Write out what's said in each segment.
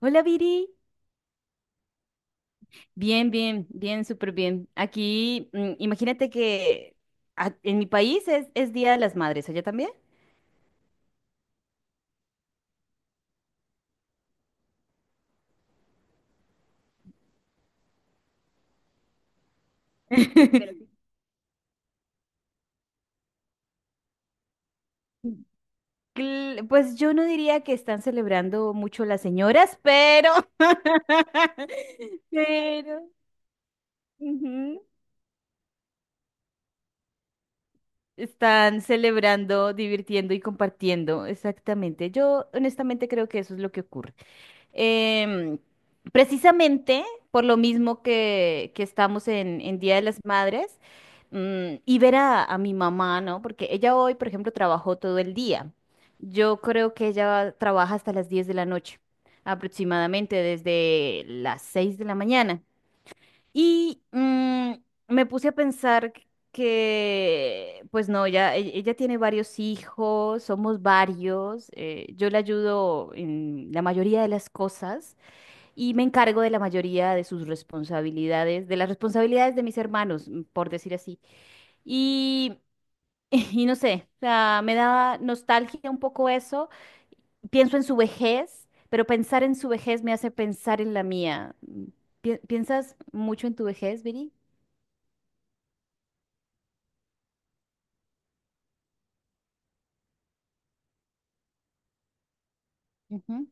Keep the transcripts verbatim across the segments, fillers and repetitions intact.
Hola, Viri. Bien, bien, bien, súper bien. Aquí, mm, imagínate que a- en mi país es, es Día de las Madres, ¿allá también? Cl- Pues yo no diría que están celebrando mucho las señoras, pero, pero. Ujú. Están celebrando, divirtiendo y compartiendo, exactamente. Yo honestamente creo que eso es lo que ocurre. Em, Precisamente por lo mismo que, que estamos en, en Día de las Madres. mm, y ver a, a mi mamá, ¿no? Porque ella hoy, por ejemplo, trabajó todo el día. Yo creo que ella trabaja hasta las diez de la noche, aproximadamente desde las seis de la mañana. Y mm, me puse a pensar que, pues no, ya, e- ella tiene varios hijos, somos varios, eh, yo le ayudo en la mayoría de las cosas y me encargo de la mayoría de sus responsabilidades, de las responsabilidades de mis hermanos, mm, por decir así. Y, y no sé, o sea, me da nostalgia un poco eso. Pienso en su vejez, pero pensar en su vejez me hace pensar en la mía. ¿Pi- ¿Piensas mucho en tu vejez, Viri? Ujú.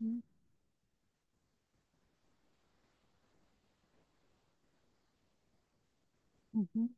Ujú. Ujú.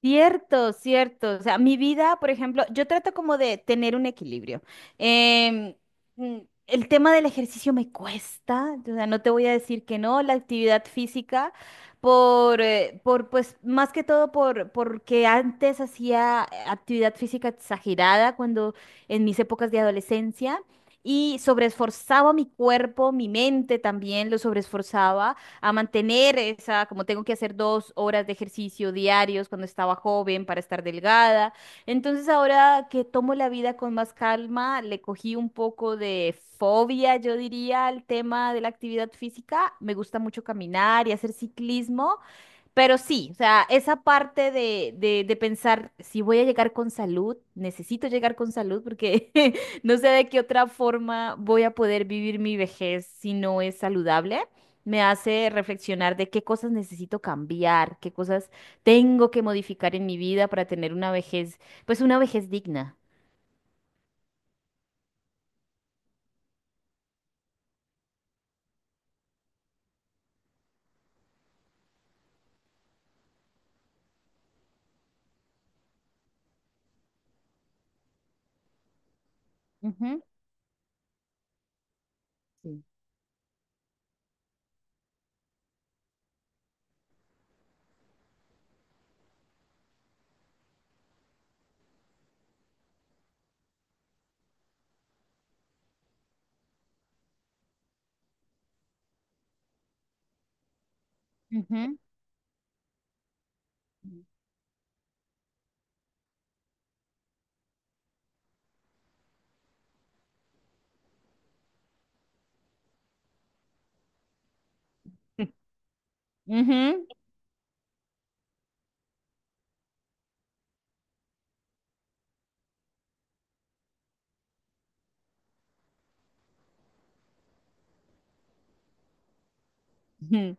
Cierto, cierto. O sea, mi vida, por ejemplo, yo trato como de tener un equilibrio. Em, mm, el tema del ejercicio me cuesta, o sea, no te voy a decir que no, la actividad física, por, eh, por pues, más que todo por, porque antes hacía eh, actividad física exagerada cuando en mis épocas de adolescencia y sobreesforzaba mi cuerpo, mi mente también lo sobreesforzaba a mantener esa, como tengo que hacer dos horas de ejercicio diarios cuando estaba joven para estar delgada. Entonces ahora que tomo la vida con más calma, le cogí un poco de fobia, yo diría, al tema de la actividad física. Me gusta mucho caminar y hacer ciclismo. Pero sí, o sea, esa parte de, de, de pensar si voy a llegar con salud, necesito llegar con salud porque no sé de qué otra forma voy a poder vivir mi vejez si no es saludable, me hace reflexionar de qué cosas necesito cambiar, qué cosas tengo que modificar en mi vida para tener una vejez, pues una vejez digna. Ujú. Sí. Ujú. Mm. Ujú. Ujú.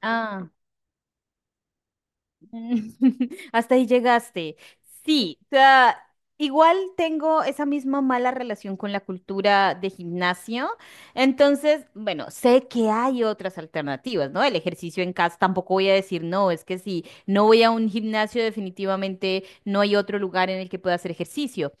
Ah. Hasta ahí llegaste. Sí, o sea, igual tengo esa misma mala relación con la cultura de gimnasio. Entonces, bueno, sé que hay otras alternativas, ¿no? El ejercicio en casa, tampoco voy a decir no, es que si no voy a un gimnasio, definitivamente no hay otro lugar en el que pueda hacer ejercicio.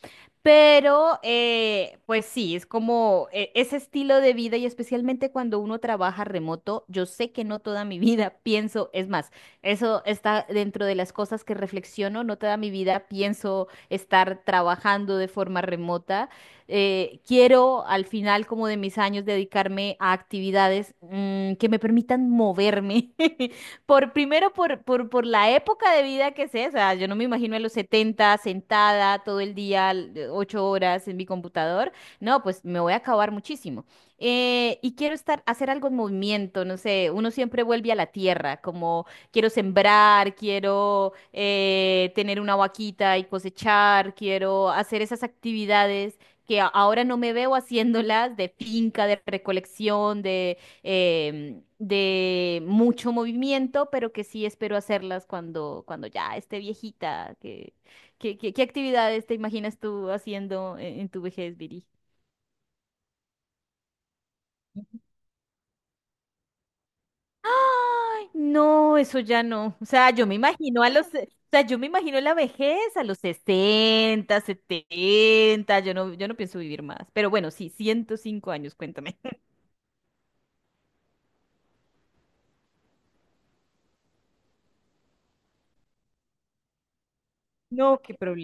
Pero, eh, pues sí, es como eh, ese estilo de vida y especialmente cuando uno trabaja remoto, yo sé que no toda mi vida pienso, es más. Eso está dentro de las cosas que reflexiono. No toda mi vida pienso estar trabajando de forma remota. Eh, quiero al final como de mis años dedicarme a actividades mm, que me permitan moverme. Por primero por, por, por la época de vida que sé, o sea, yo no me imagino a los setenta sentada todo el día, l- ocho horas en mi computador. No, pues me voy a acabar muchísimo. Eh, y quiero estar, hacer algo en movimiento, no sé, uno siempre vuelve a la tierra, como quiero sembrar, quiero eh, tener una vaquita y cosechar, quiero hacer esas actividades que a- ahora no me veo haciéndolas de finca, de recolección, de, em, de mucho movimiento, pero que sí espero hacerlas cuando, cuando ya esté viejita. Que, qué que- ¿qué actividades te imaginas tú haciendo en, en tu vejez, Viri? Ay, no, eso ya no. O sea, yo me imagino a los, o sea, yo me imagino la vejez a los sesenta, setenta. yo no, yo no pienso vivir más. Pero bueno, sí, ciento cinco años, cuéntame. Ok, pero...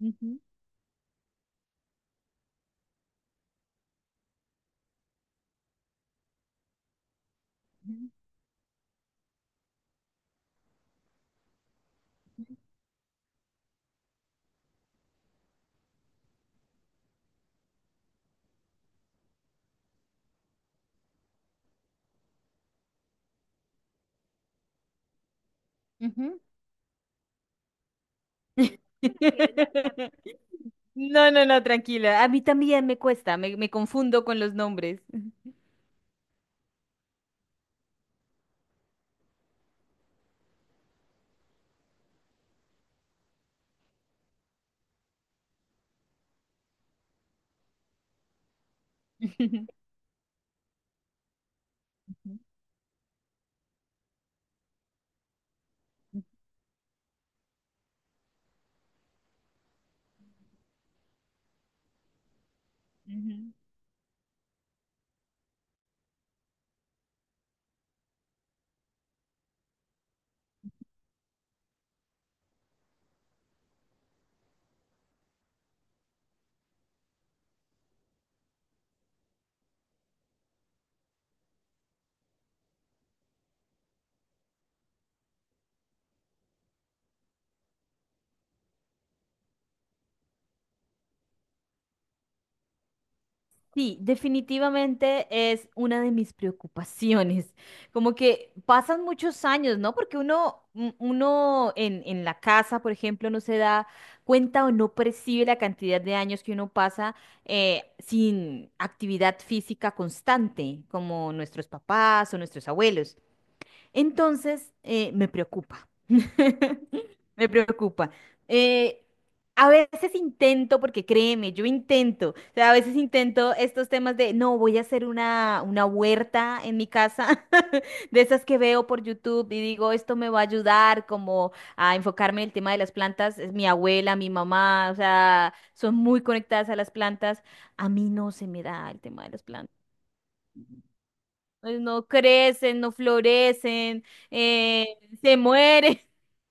Ujú. Ujú. Ujú. No, no, no, tranquila. A mí también me cuesta, me, me confundo con los nombres. Ujú. Ujú. Sí, definitivamente es una de mis preocupaciones. Como que pasan muchos años, ¿no? Porque uno, un- uno en, en la casa, por ejemplo, no se da cuenta o no percibe la cantidad de años que uno pasa eh, sin actividad física constante, como nuestros papás o nuestros abuelos. Entonces, eh, me preocupa. Me preocupa. Eh, a veces intento, porque créeme, yo intento, o sea, a veces intento estos temas de, no, voy a hacer una, una huerta en mi casa, de esas que veo por YouTube y digo, esto me va a ayudar como a enfocarme en el tema de las plantas. Es mi abuela, mi mamá, o sea, son muy conectadas a las plantas. A mí no se me da el tema de las plantas. No crecen, no florecen, eh, se mueren.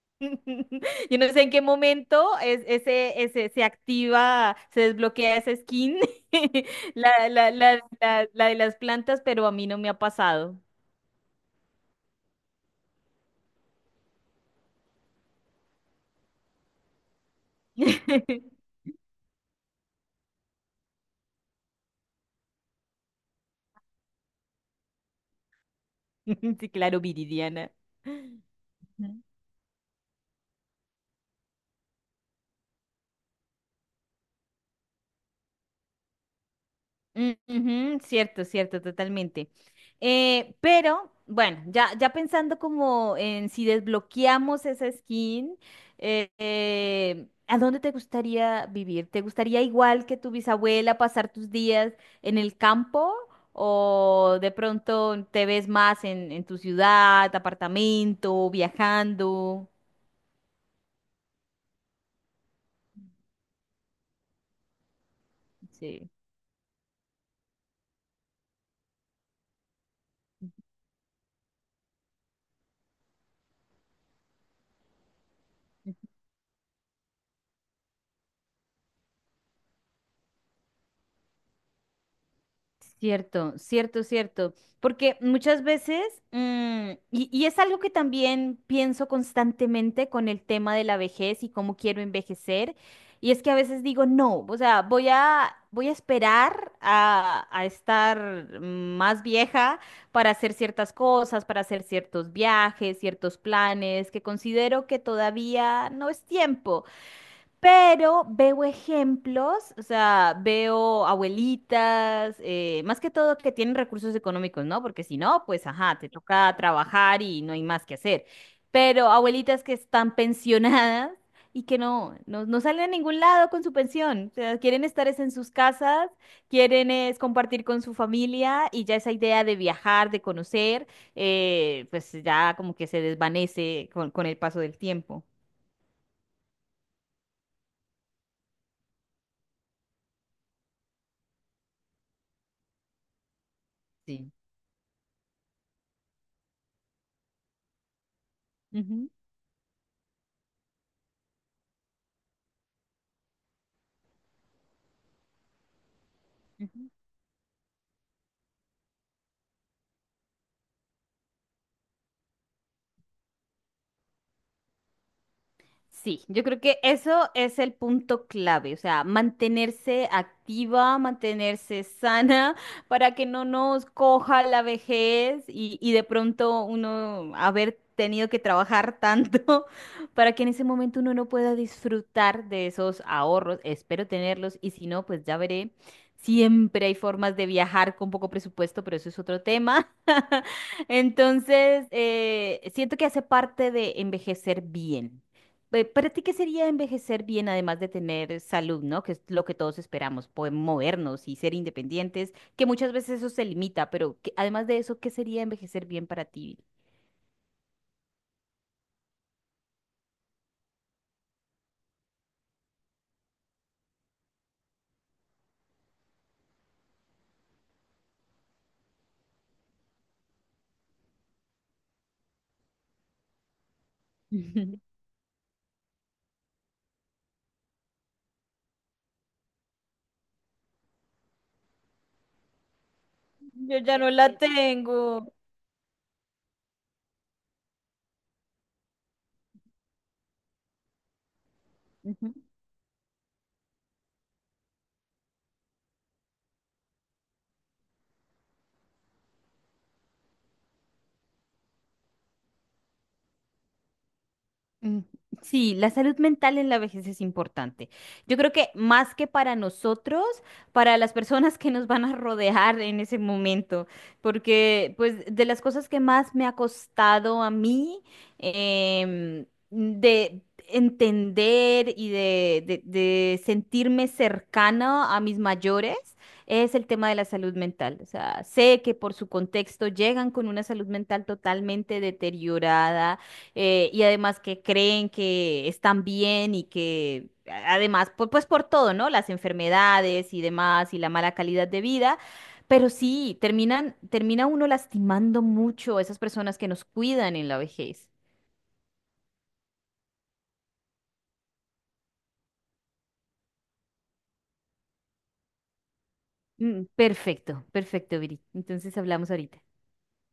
Yo no sé en qué momento es, ese, ese, se activa, se desbloquea esa skin, la, la, la, la, la de las plantas, pero a mí no me ha pasado. Sí, claro, Viridiana. Mm. Ujú. Cierto, cierto, totalmente. Eh, pero bueno, ya, ya pensando como en si desbloqueamos esa skin, eh, eh, ¿a dónde te gustaría vivir? ¿Te gustaría igual que tu bisabuela pasar tus días en el campo o de pronto te ves más en, en tu ciudad, apartamento, viajando? Sí. Cierto, cierto, cierto. Porque muchas veces, mm, y, y es algo que también pienso constantemente con el tema de la vejez y cómo quiero envejecer, y es que a veces digo, no, o sea, voy a, voy a esperar a, a estar más vieja para hacer ciertas cosas, para hacer ciertos viajes, ciertos planes, que considero que todavía no es tiempo. Pero veo ejemplos, o sea, veo abuelitas, eh, más que todo que tienen recursos económicos, ¿no? Porque si no, pues ajá, te toca trabajar y no hay más que hacer. Pero abuelitas que están pensionadas y que no, no, no salen a ningún lado con su pensión. O sea, quieren estar es en sus casas, quieren es compartir con su familia y ya esa idea de viajar, de conocer, eh, pues ya como que se desvanece con, con el paso del tiempo. Sí. Ujú. Ujú. Sí, yo creo que eso es el punto clave, o sea, mantenerse activa, mantenerse sana para que no nos coja la vejez y, y de pronto uno haber tenido que trabajar tanto para que en ese momento uno no pueda disfrutar de esos ahorros. Espero tenerlos y si no, pues ya veré. Siempre hay formas de viajar con poco presupuesto, pero eso es otro tema. Entonces, eh, siento que hace parte de envejecer bien. eh, ¿Para ti qué sería envejecer bien, además de tener salud, ¿no? Que es lo que todos esperamos, poder movernos y ser independientes, que muchas veces eso se limita, pero que- además de eso, ¿qué sería envejecer bien para ti? Yo ya no la tengo. Mm. Sí, la salud mental en la vejez es importante. Yo creo que más que para nosotros, para las personas que nos van a rodear en ese momento, porque pues de las cosas que más me ha costado a mí em, de entender y de, de- de sentirme cercana a mis mayores es el tema de la salud mental. O sea, sé que por su contexto llegan con una salud mental totalmente deteriorada, eh, y además que creen que están bien y que a- además, pu- pues, por todo, ¿no? Las enfermedades y demás y la mala calidad de vida. Pero sí, terminan, termina uno lastimando mucho a esas personas que nos cuidan en la vejez. Mm, perfecto, perfecto, Viri. Entonces hablamos ahorita.